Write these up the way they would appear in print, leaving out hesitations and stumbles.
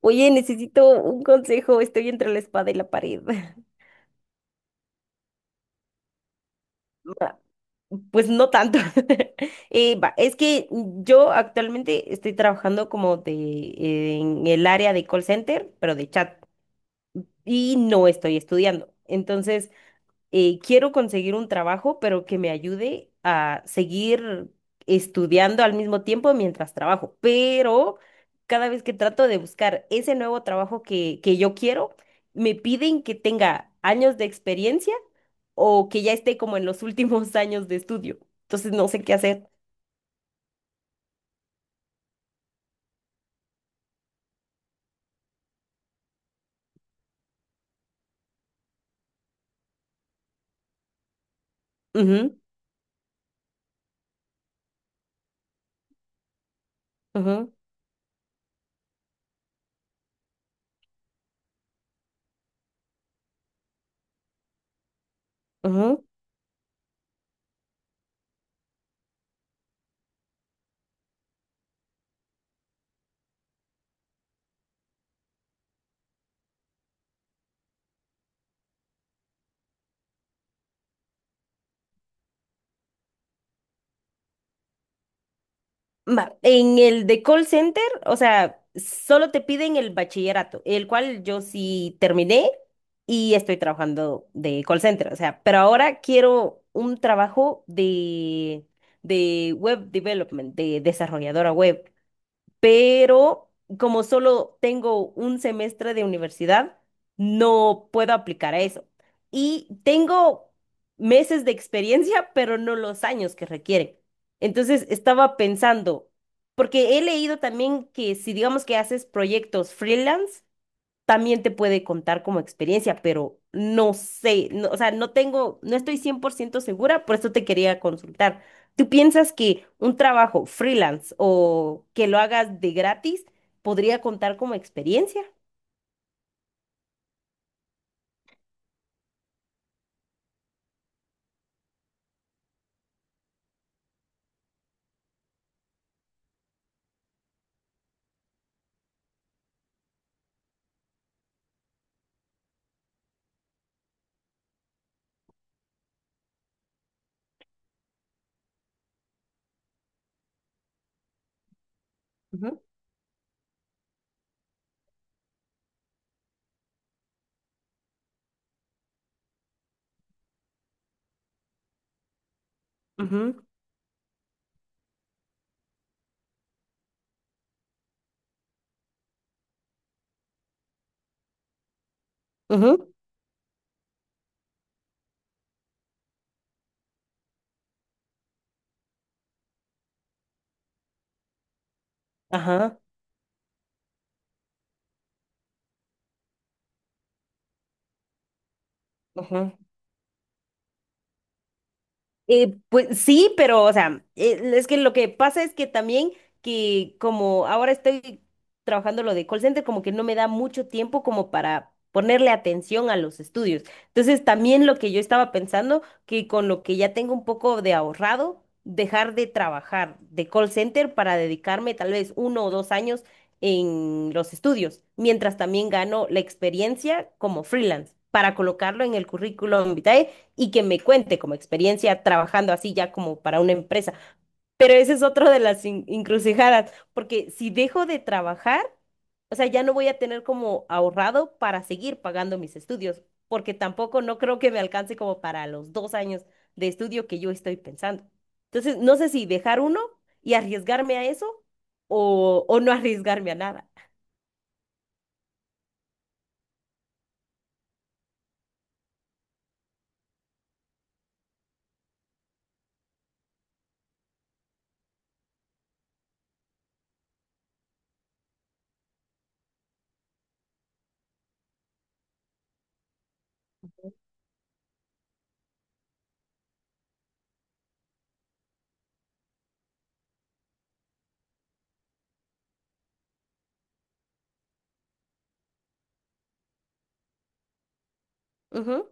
Oye, necesito un consejo, estoy entre la espada y la pared. Ma- Pues no tanto. Es que yo actualmente estoy trabajando en el área de call center, pero de chat, y no estoy estudiando. Quiero conseguir un trabajo, pero que me ayude a seguir estudiando al mismo tiempo mientras trabajo. Pero cada vez que trato de buscar ese nuevo trabajo que yo quiero, me piden que tenga años de experiencia o que ya esté como en los últimos años de estudio. Entonces no sé qué hacer. Ujú, ujú, ujú. Va, en el de call center, o sea, solo te piden el bachillerato, el cual yo sí terminé y estoy trabajando de call center, o sea, pero ahora quiero un trabajo de web development, de desarrolladora web, pero como solo tengo un semestre de universidad, no puedo aplicar a eso. Y tengo meses de experiencia, pero no los años que requieren. Entonces estaba pensando, porque he leído también que si digamos que haces proyectos freelance, también te puede contar como experiencia, pero no sé, o sea, no tengo, no estoy 100% segura, por eso te quería consultar. ¿Tú piensas que un trabajo freelance o que lo hagas de gratis podría contar como experiencia? Ujú, ujú, ujú, ajá, ujú. Pues sí, pero, o sea, es que lo que pasa es que también que como ahora estoy trabajando lo de call center, como que no me da mucho tiempo como para ponerle atención a los estudios. Entonces, también lo que yo estaba pensando, que con lo que ya tengo un poco de ahorrado, dejar de trabajar de call center para dedicarme tal vez uno o dos años en los estudios, mientras también gano la experiencia como freelance, para colocarlo en el currículum vitae y que me cuente como experiencia trabajando así ya como para una empresa. Pero ese es otro de las encrucijadas, porque si dejo de trabajar, o sea, ya no voy a tener como ahorrado para seguir pagando mis estudios, porque tampoco no creo que me alcance como para los dos años de estudio que yo estoy pensando. Entonces, no sé si dejar uno y arriesgarme a eso o no arriesgarme a nada. Ujú.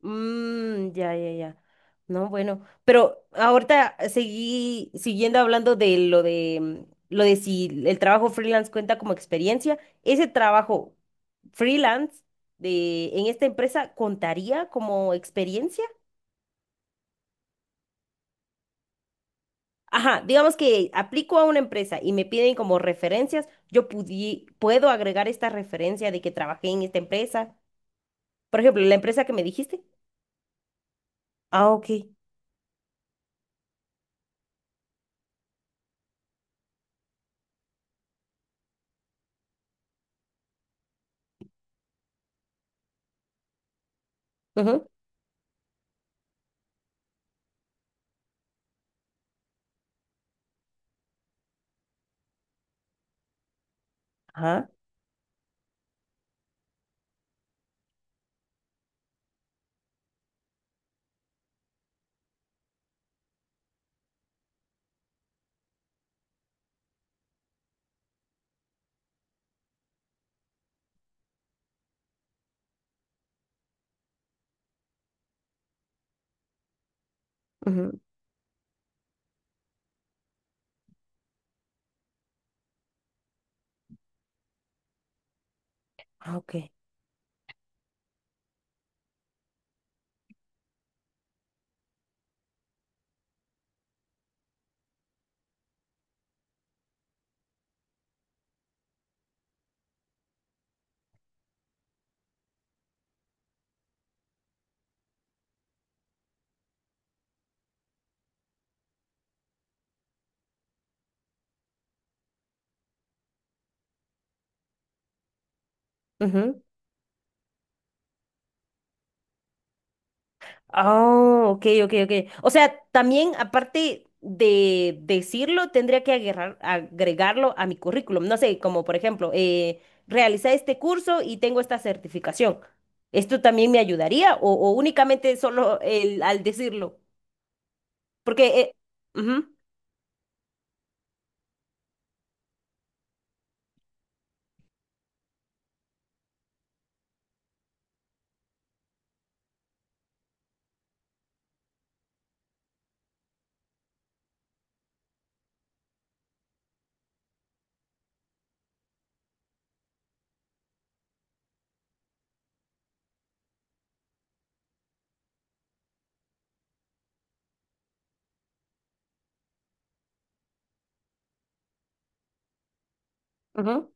Mm, ya, ya, ya. No, bueno, pero ahorita seguí siguiendo hablando de lo de lo de si el trabajo freelance cuenta como experiencia. Ese trabajo freelance de en esta empresa contaría como experiencia. Ajá, digamos que aplico a una empresa y me piden como referencias, yo puedo agregar esta referencia de que trabajé en esta empresa. Por ejemplo, la empresa que me dijiste. Ah, ok. Ujú. Ajá. Ujú, ah, ok. Ujú. Oh, ok, ok, ok. O sea, también aparte de decirlo, tendría que agregarlo a mi currículum. No sé, como por ejemplo, realicé este curso y tengo esta certificación. ¿Esto también me ayudaría o únicamente solo al decirlo? Porque... ujú, ujú,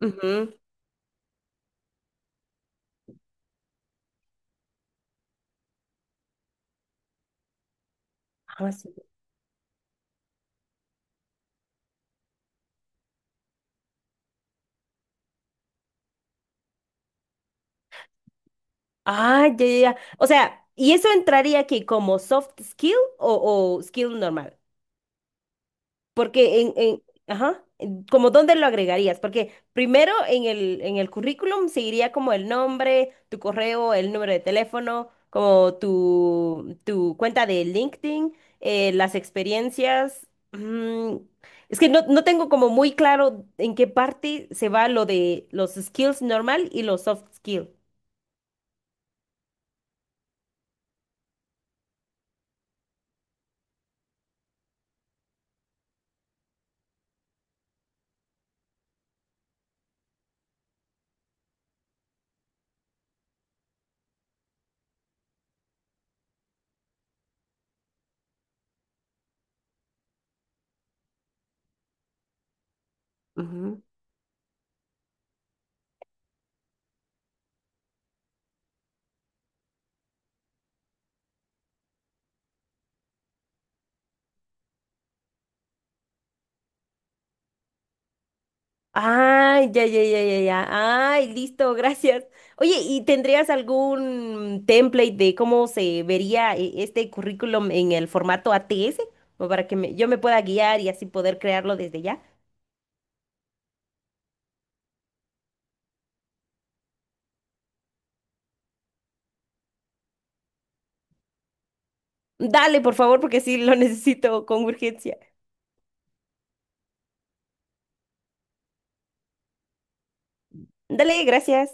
ujú. Ah, sí. Ah, ya, ya, ya. O sea, ¿y eso entraría aquí como soft skill o skill normal? Porque ajá, ¿como dónde lo agregarías? Porque primero en en el currículum seguiría como el nombre, tu correo, el número de teléfono, como tu cuenta de LinkedIn, las experiencias. Mm, es que no tengo como muy claro en qué parte se va lo de los skills normal y los soft skills. Ay, ya, ya, ya, ya, ya. Ay, listo, gracias. Oye, ¿y tendrías algún template de cómo se vería este currículum en el formato ATS? O para que yo me pueda guiar y así poder crearlo desde ya. Dale, por favor, porque sí lo necesito con urgencia. Dale, gracias.